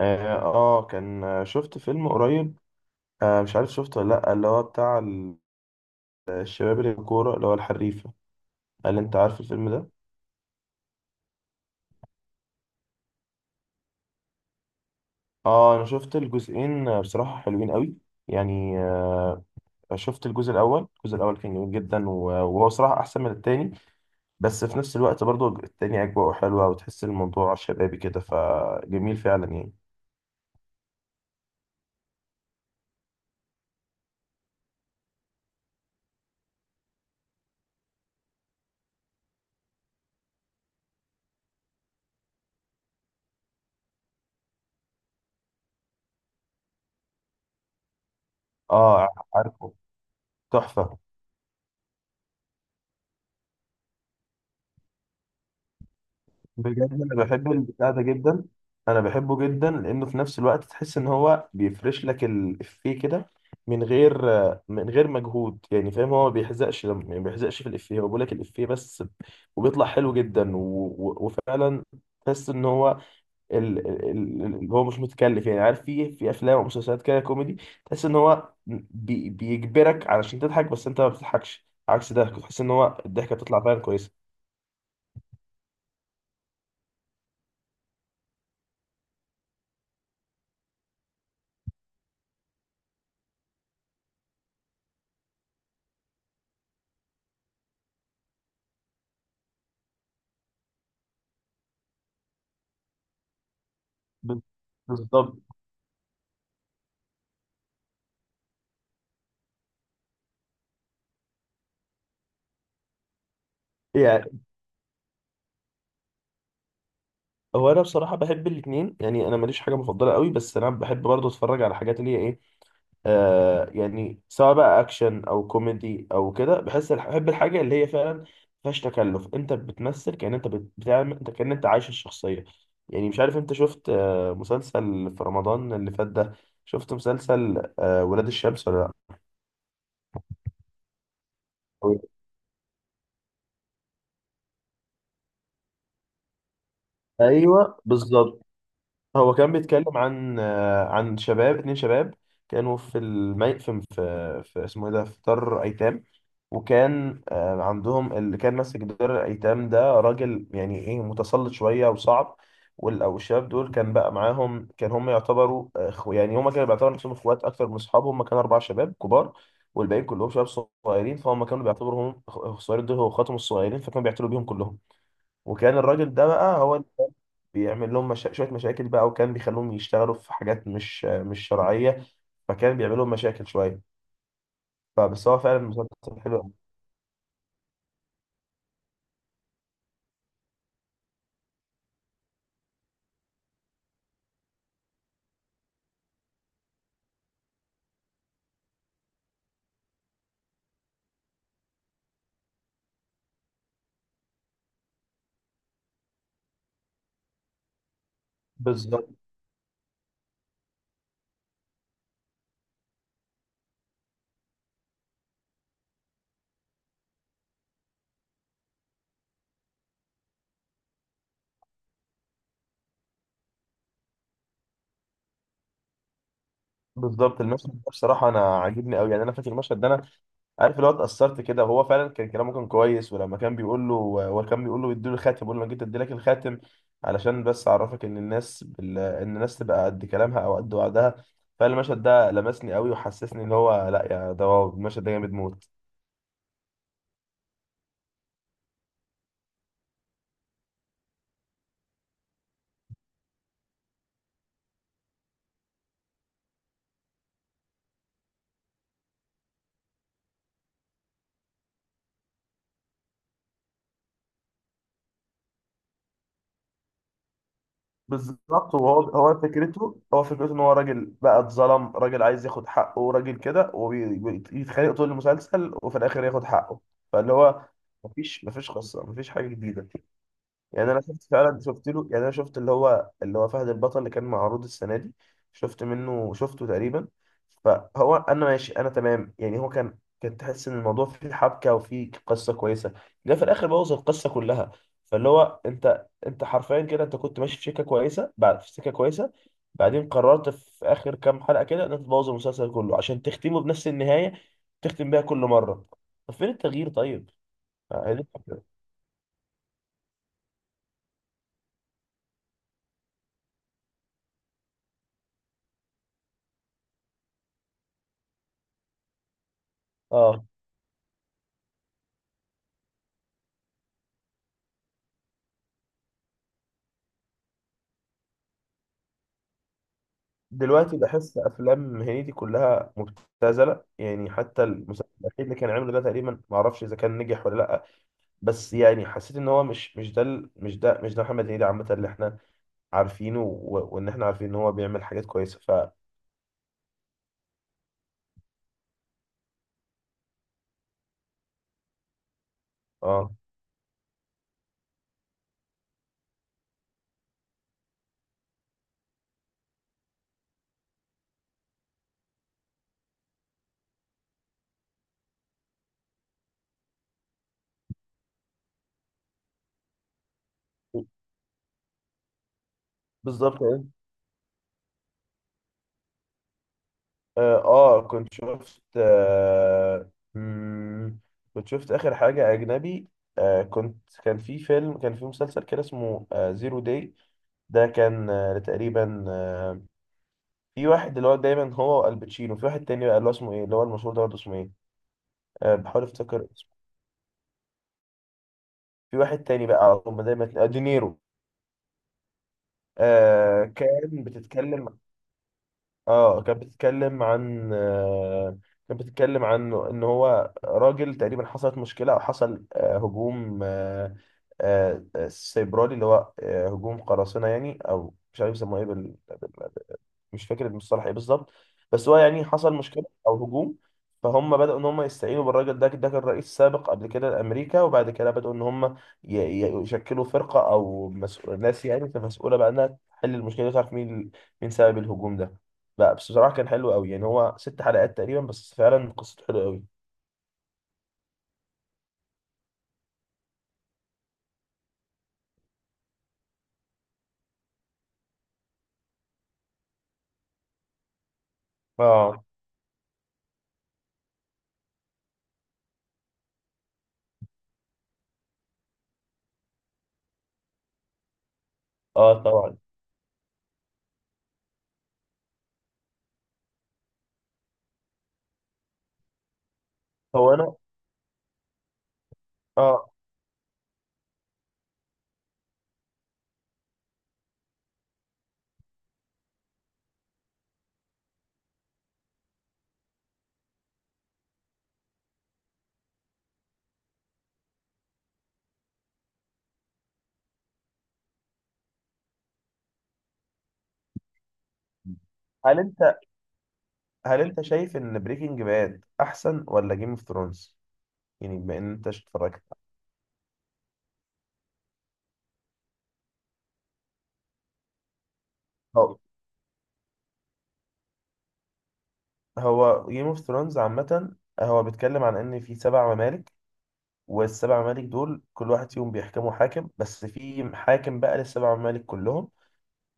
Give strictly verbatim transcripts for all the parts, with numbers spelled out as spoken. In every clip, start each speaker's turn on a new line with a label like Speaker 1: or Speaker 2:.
Speaker 1: اه آه، كان آه، شفت فيلم قريب. آه مش عارف شفته ولا لا اللي هو بتاع ال- الشباب اللي الكورة اللي هو الحريفة. هل انت عارف الفيلم ده؟ اه انا شفت الجزئين آه، بصراحة حلوين قوي يعني. آه شفت الجزء الاول الجزء الاول كان جميل جدا و- وهو صراحة احسن من التاني. بس في نفس الوقت برضو التاني اجواءه حلوة وتحس الموضوع شبابي كده فجميل فعلا يعني. اه، عارفه. تحفة. بجد انا بحب البتاع ده جدا. انا بحبه جدا لانه في نفس الوقت تحس ان هو بيفرش لك الافيه كده من غير من غير مجهود يعني فاهم. هو ما بيحزقش لما يعني ما بيحزقش في الافيه، هو بيقول لك الافيه بس وبيطلع حلو جدا و... و... وفعلا تحس ان هو ال... ال... ال... ال- هو مش متكلف. يعني عارف في في افلام ومسلسلات كده كوميدي تحس ان هو بي... بيجبرك علشان تضحك بس انت ما بتضحكش. عكس ده تحس ان هو الضحكه بتطلع فعلا كويسه. بال- بالظبط يعني. هو انا بصراحه بحب الاثنين يعني. انا ماليش حاجه مفضله قوي بس انا بحب برضه اتفرج على حاجات اللي هي ايه. آه يعني سواء بقى اكشن او كوميدي او كده بحس الح- بحب الحاجه اللي هي فعلا ما فيهاش تكلف. انت بتمثل كأن انت بت- بتعمل، انت كأن انت عايش الشخصيه يعني. مش عارف انت شفت آه مسلسل في رمضان اللي فات ده، شفت مسلسل آه ولاد الشمس ولا لا؟ ايوه بالظبط. هو كان بيتكلم عن آه، عن شباب اتنين شباب كانوا في المي في في, في اسمه ايه ده في دار ايتام. وكان آه، عندهم اللي كان ماسك دار الايتام ده راجل يعني ايه متسلط شويه وصعب. وال- او الشباب دول كان بقى معاهم كان هم يعتبروا اخو يعني، هم كانوا بيعتبروا نفسهم اخوات اكتر من اصحاب. هم كانوا اربع شباب كبار والباقيين كلهم شباب صغيرين، فهم كانوا بيعتبروا هم الصغيرين دول هو اخواتهم الصغيرين فكانوا بيعتبروا بيهم كلهم. وكان الراجل ده بقى هو بيعمل لهم مشا... شوية مشاكل بقى وكان بيخلوهم يشتغلوا في حاجات مش مش شرعية، فكان بيعمل لهم مشاكل شوية. فبس هو فعلا مسلسل حلو أوي. بالظبط. بالظبط المشهد ده بصراحة أنا عاجبني أوي يعني. أنا فاكر المشهد ده، أنا عارف اللي هو اتأثرت كده وهو فعلا كان كلامه كان كويس، ولما كان بيقول له، هو كان بيقول له يديله الخاتم بيقول له أنا جيت أديلك الخاتم علشان بس أعرفك إن الناس بال... إن الناس تبقى قد كلامها أو قد وعدها. فالمشهد ده لمسني أوي وحسسني إن هو لأ، يا ده هو المشهد ده جامد موت. بالظبط وهو هو فكرته هو فكرته ان هو راجل بقى اتظلم، راجل عايز ياخد حقه، راجل كده وبيتخانق طول المسلسل وفي الاخر ياخد حقه. فاللي هو مفيش مفيش قصه، مفيش حاجه جديده. يعني انا شفت فعلا، شفت له يعني، انا شفت اللي هو اللي هو فهد البطل اللي كان معروض السنه دي، شفت منه شفته تقريبا. فهو انا ماشي، انا تمام يعني. هو كان كان تحس ان الموضوع فيه حبكه وفيه قصه كويسه، ده في الاخر بوظ القصه كلها. فاللي هو انت انت حرفيا كده انت كنت ماشي في سكه كويسه بعد في سكه كويسه، بعدين قررت في اخر كام حلقه كده ان انت تبوظ المسلسل كله عشان تختمه بنفس النهايه تختم بيها كل مره. طب فين التغيير طيب؟ يعني- اه، دلوقتي بحس افلام هنيدي كلها مبتذله يعني. حتى المسلسل الاخير اللي كان عامله ده تقريبا ما اعرفش اذا كان نجح ولا لا بس يعني حسيت ان هو مش مش ده ال- مش ده مش ده محمد هنيدي عامه اللي احنا عارفينه و- وان احنا عارفين ان هو بيعمل حاجات كويسه ف. اه بالظبط يعني. اه آه، كنت شفت آه مم، كنت شفت اخر حاجه اجنبي. آه كنت كان في فيلم كان في مسلسل كده اسمه آه زيرو داي. ده كان آه تقريبا، آه، في واحد اللي هو دايما هو والباتشينو، في واحد تاني بقى اللي هو اسمه ايه اللي هو المشهور ده برضه اسمه ايه. أه بحاول افتكر اسمه. في واحد تاني بقى على طول ما دايما تلاقي- آه، دينيرو. أه كان بتتكلم، اه كانت بتتكلم عن أه كانت بتتكلم عن ان هو راجل تقريبا حصلت مشكلة او حصل أه هجوم أه أه آه، سيبراني، اللي هو أه هجوم قراصنة يعني او مش عارف يسموه ايه بال... مش فاكر المصطلح ايه بالظبط. بس هو يعني حصل مشكله او هجوم. فهم بدأوا ان هم يستعينوا بالراجل ده، ده كان رئيس سابق قبل كده لامريكا، وبعد كده بدأوا ان هم ي- ي- يشكلوا فرقه او مسؤول ناس يعني مسؤوله بقى انها تحل المشكله دي وتعرف مين مين سبب الهجوم ده. لا بس بصراحه كان حلو قوي يعني. هو ست حلقات تقريبا بس فعلا قصته حلوه قوي. اه. اه طبعا. هو انا اه هل انت هل انت شايف ان بريكنج باد احسن ولا جيم اوف ثرونز؟ يعني بما ان انت اتفرجت. هو جيم اوف ثرونز عامة هو بيتكلم عن ان في سبع ممالك، والسبع ممالك دول كل واحد فيهم بيحكموا حاكم بس في حاكم بقى للسبع ممالك كلهم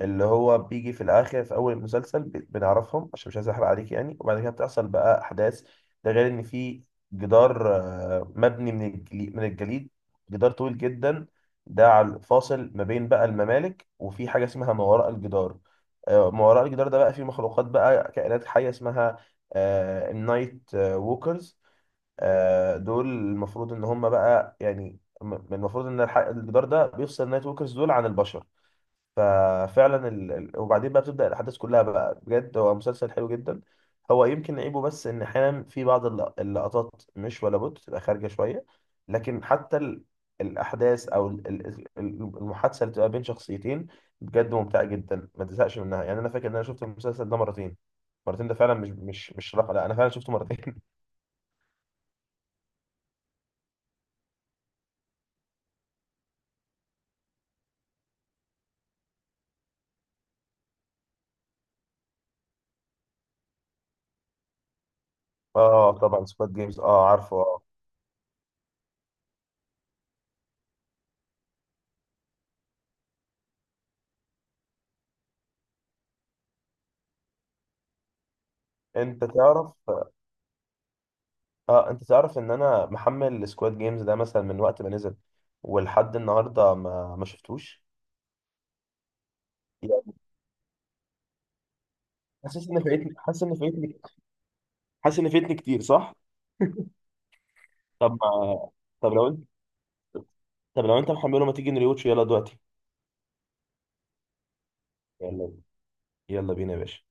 Speaker 1: اللي هو بيجي في الاخر. في اول المسلسل ب- بنعرفهم عشان مش عايز احرق عليك يعني، وبعد كده بتحصل بقى احداث. ده غير ان في جدار آه، مبني من الجليد من الجليد، جدار طويل جدا، ده على فاصل ما بين بقى الممالك. وفي حاجه اسمها ما وراء الجدار، آه، ما وراء الجدار ده بقى فيه مخلوقات بقى كائنات حيه اسمها آه، النايت آه، ووكرز. آه، دول المفروض ان هم بقى يعني م- المفروض ان الح- الجدار ده بيفصل النايت ووكرز دول عن البشر. ففعلا ال... ال- وبعدين بقى بتبدأ الأحداث كلها بقى. بجد هو مسلسل حلو جدا. هو يمكن عيبه بس إن أحيانا في بعض اللق- اللقطات مش ولا بد تبقى خارجة شوية، لكن حتى ال... الأحداث أو ال... ال- ال- المحادثة اللي بتبقى بين شخصيتين بجد ممتعة جدا ما تزهقش منها يعني. أنا فاكر إن أنا شفت المسلسل ده مرتين، مرتين ده فعلا مش مش مش رقم، لا أنا فعلا شفته مرتين. اه طبعا سكواد جيمز، اه عارفه، اه. انت تعرف اه انت تعرف ان انا محمل سكواد جيمز ده مثلا من وقت ما نزل ولحد النهارده ما ما شفتوش يعني. حاسس ان فايتني، حاسس ان فايتني. حاسس ان فايتني كتير صح. طب ما طب لو انت طب لو انت محمله، ما تيجي نريوتش يلا دلوقتي. يلا، يلا بينا يا باشا.